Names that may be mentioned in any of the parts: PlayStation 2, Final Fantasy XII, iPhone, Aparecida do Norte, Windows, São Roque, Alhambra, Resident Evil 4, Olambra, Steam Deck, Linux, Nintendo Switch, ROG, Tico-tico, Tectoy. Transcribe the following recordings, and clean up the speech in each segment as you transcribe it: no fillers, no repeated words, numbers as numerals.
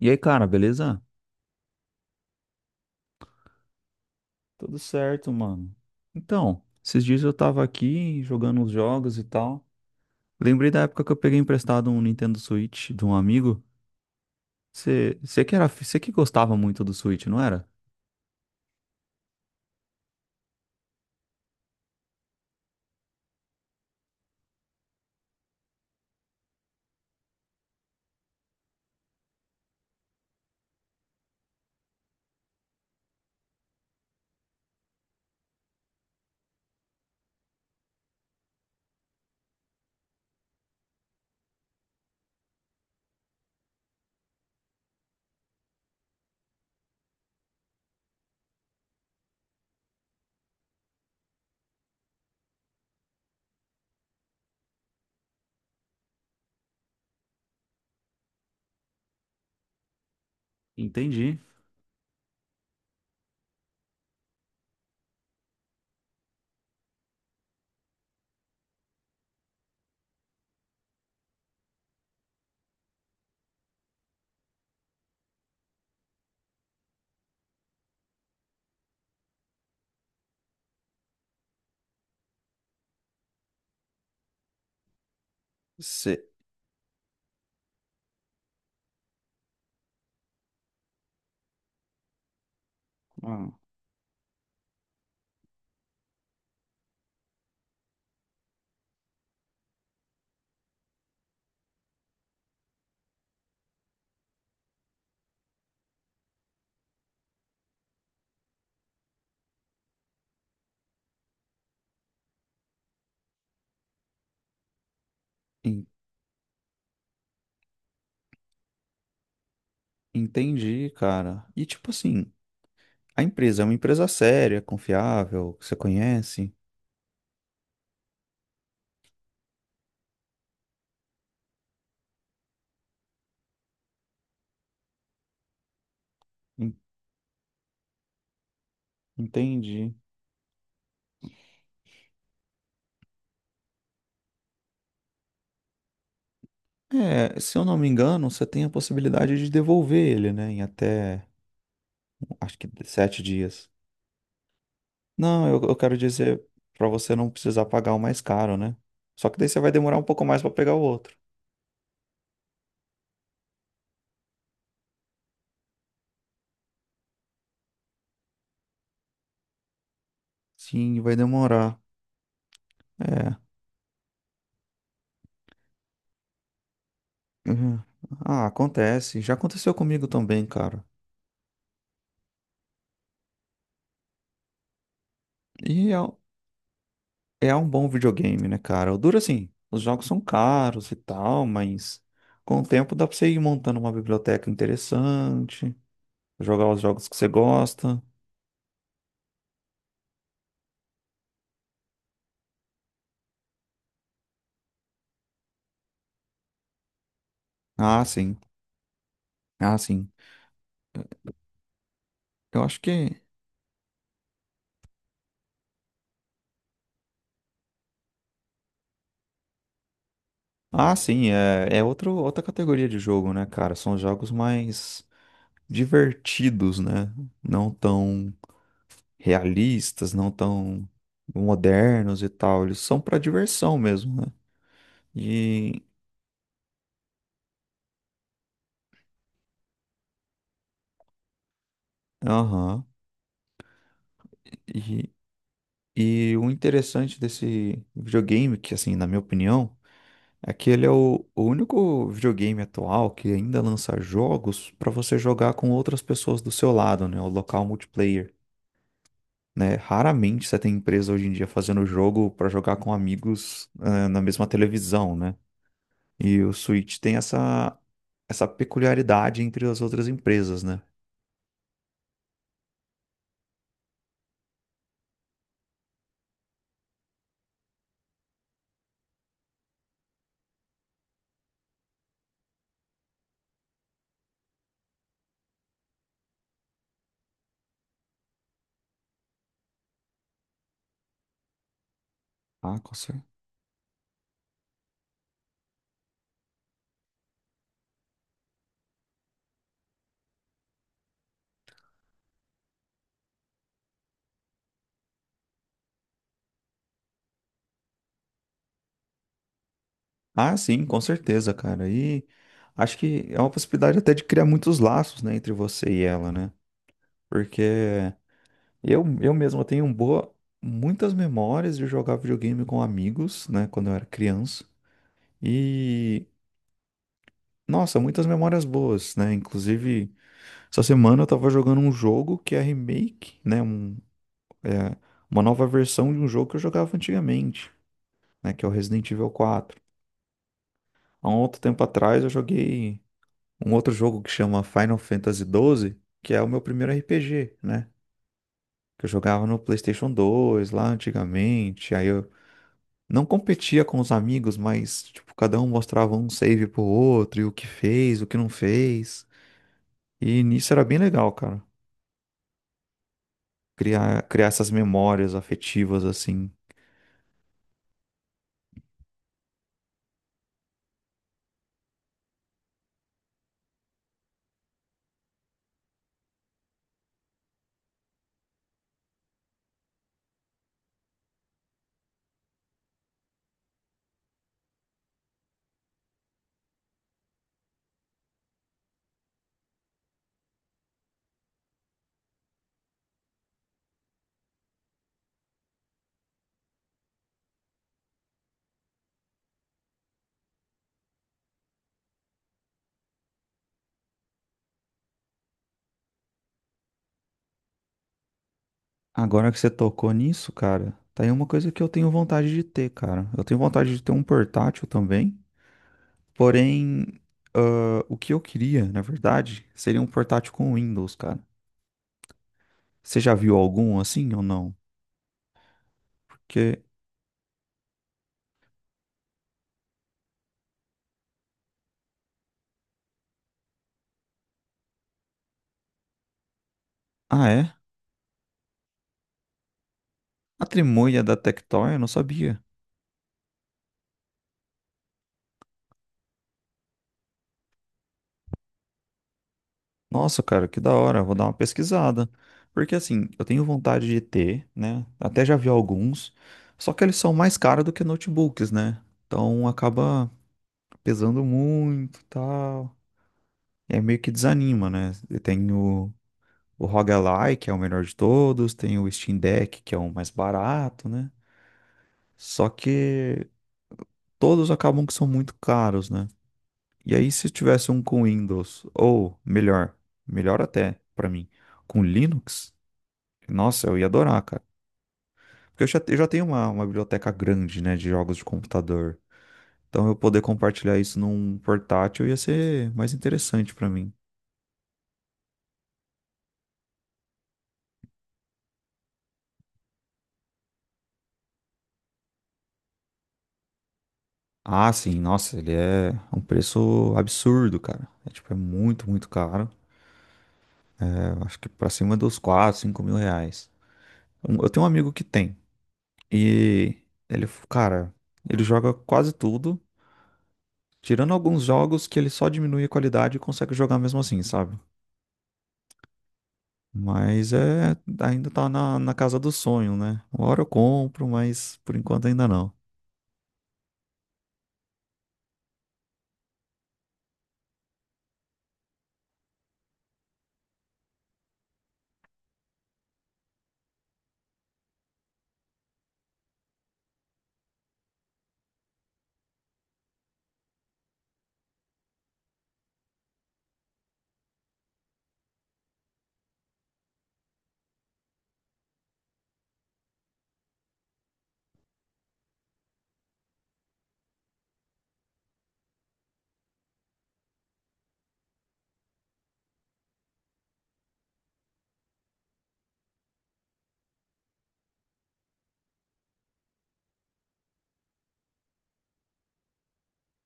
E aí, cara, beleza? Tudo certo, mano. Então, esses dias eu tava aqui jogando uns jogos e tal. Lembrei da época que eu peguei emprestado um Nintendo Switch de um amigo. Você você que gostava muito do Switch, não era? Entendi. Você. Entendi, cara. E tipo assim, a empresa é uma empresa séria, confiável, que você conhece. En- Entendi. É, se eu não me engano, você tem a possibilidade de devolver ele, né, em até, acho que 7 dias. Não, eu quero dizer pra você não precisar pagar o mais caro, né? Só que daí você vai demorar um pouco mais pra pegar o outro. Sim, vai demorar. É. Uhum. Ah, acontece. Já aconteceu comigo também, cara. E é, é um bom videogame, né, cara? O duro assim, os jogos são caros e tal, mas com o tempo dá pra você ir montando uma biblioteca interessante, jogar os jogos que você gosta. Ah, sim. Ah, sim. Eu acho que ah, sim, é, é outro, outra categoria de jogo, né, cara? São jogos mais divertidos, né? Não tão realistas, não tão modernos e tal. Eles são pra diversão mesmo, né? E, aham, e, o interessante desse videogame, que assim, na minha opinião, é que ele é o único videogame atual que ainda lança jogos pra você jogar com outras pessoas do seu lado, né? O local multiplayer. Né? Raramente você tem empresa hoje em dia fazendo jogo para jogar com amigos, ah, na mesma televisão, né? E o Switch tem essa, essa peculiaridade entre as outras empresas, né? Ah, com cer- ah, sim, com certeza, cara. E acho que é uma possibilidade até de criar muitos laços, né, entre você e ela, né? Porque eu mesmo tenho um boa, muitas memórias de jogar videogame com amigos, né, quando eu era criança. E, nossa, muitas memórias boas, né? Inclusive, essa semana eu tava jogando um jogo que é remake, né? É, uma nova versão de um jogo que eu jogava antigamente, né? Que é o Resident Evil 4. Há um outro tempo atrás eu joguei um outro jogo que chama Final Fantasy XII, que é o meu primeiro RPG, né? Que eu jogava no PlayStation 2 lá antigamente. Aí eu não competia com os amigos, mas tipo, cada um mostrava um save pro outro e o que fez, o que não fez. E nisso era bem legal, cara. Criar, criar essas memórias afetivas assim. Agora que você tocou nisso, cara, tá aí uma coisa que eu tenho vontade de ter, cara. Eu tenho vontade de ter um portátil também, porém, ah, o que eu queria, na verdade, seria um portátil com Windows, cara. Você já viu algum assim ou não? Porque, ah, é? A trimulha da Tectoy, eu não sabia. Nossa, cara, que da hora, vou dar uma pesquisada. Porque assim, eu tenho vontade de ter, né? Até já vi alguns, só que eles são mais caros do que notebooks, né? Então acaba pesando muito, tal. É meio que desanima, né? Tem o ROG que é o melhor de todos, tem o Steam Deck, que é o mais barato, né? Só que todos acabam que são muito caros, né? E aí, se tivesse um com Windows, ou melhor, melhor até pra mim, com Linux, nossa, eu ia adorar, cara. Porque eu já tenho uma biblioteca grande, né, de jogos de computador. Então, eu poder compartilhar isso num portátil ia ser mais interessante pra mim. Ah, sim, nossa, ele é um preço absurdo, cara. É tipo, é muito, muito caro. Eu acho que pra cima dos 4, 5 mil reais. Eu tenho um amigo que tem. E ele, cara, ele joga quase tudo, tirando alguns jogos que ele só diminui a qualidade e consegue jogar mesmo assim, sabe? Mas é, ainda tá na, na casa do sonho, né? Uma hora eu compro, mas por enquanto ainda não.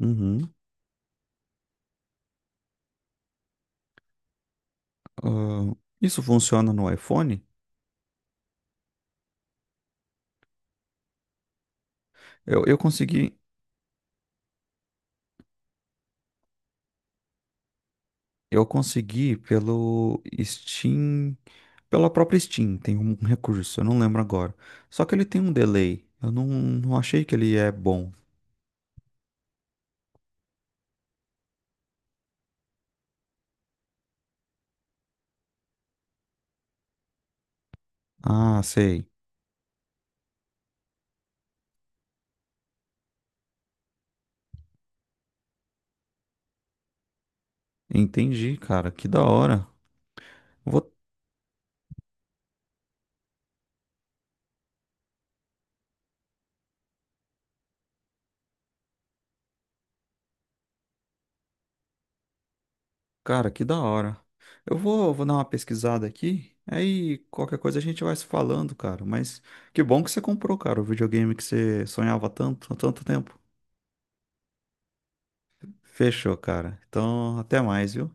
Uhum. Ah, isso funciona no iPhone? Eu consegui. Eu consegui pelo Steam, pela própria Steam, tem um recurso, eu não lembro agora. Só que ele tem um delay. Eu não, não achei que ele é bom. Ah, sei. Entendi, cara. Que da hora. Vou, cara, que da hora. Vou dar uma pesquisada aqui. Aí qualquer coisa a gente vai se falando, cara. Mas que bom que você comprou, cara, o videogame que você sonhava tanto há tanto tempo. Fechou, cara. Então, até mais, viu?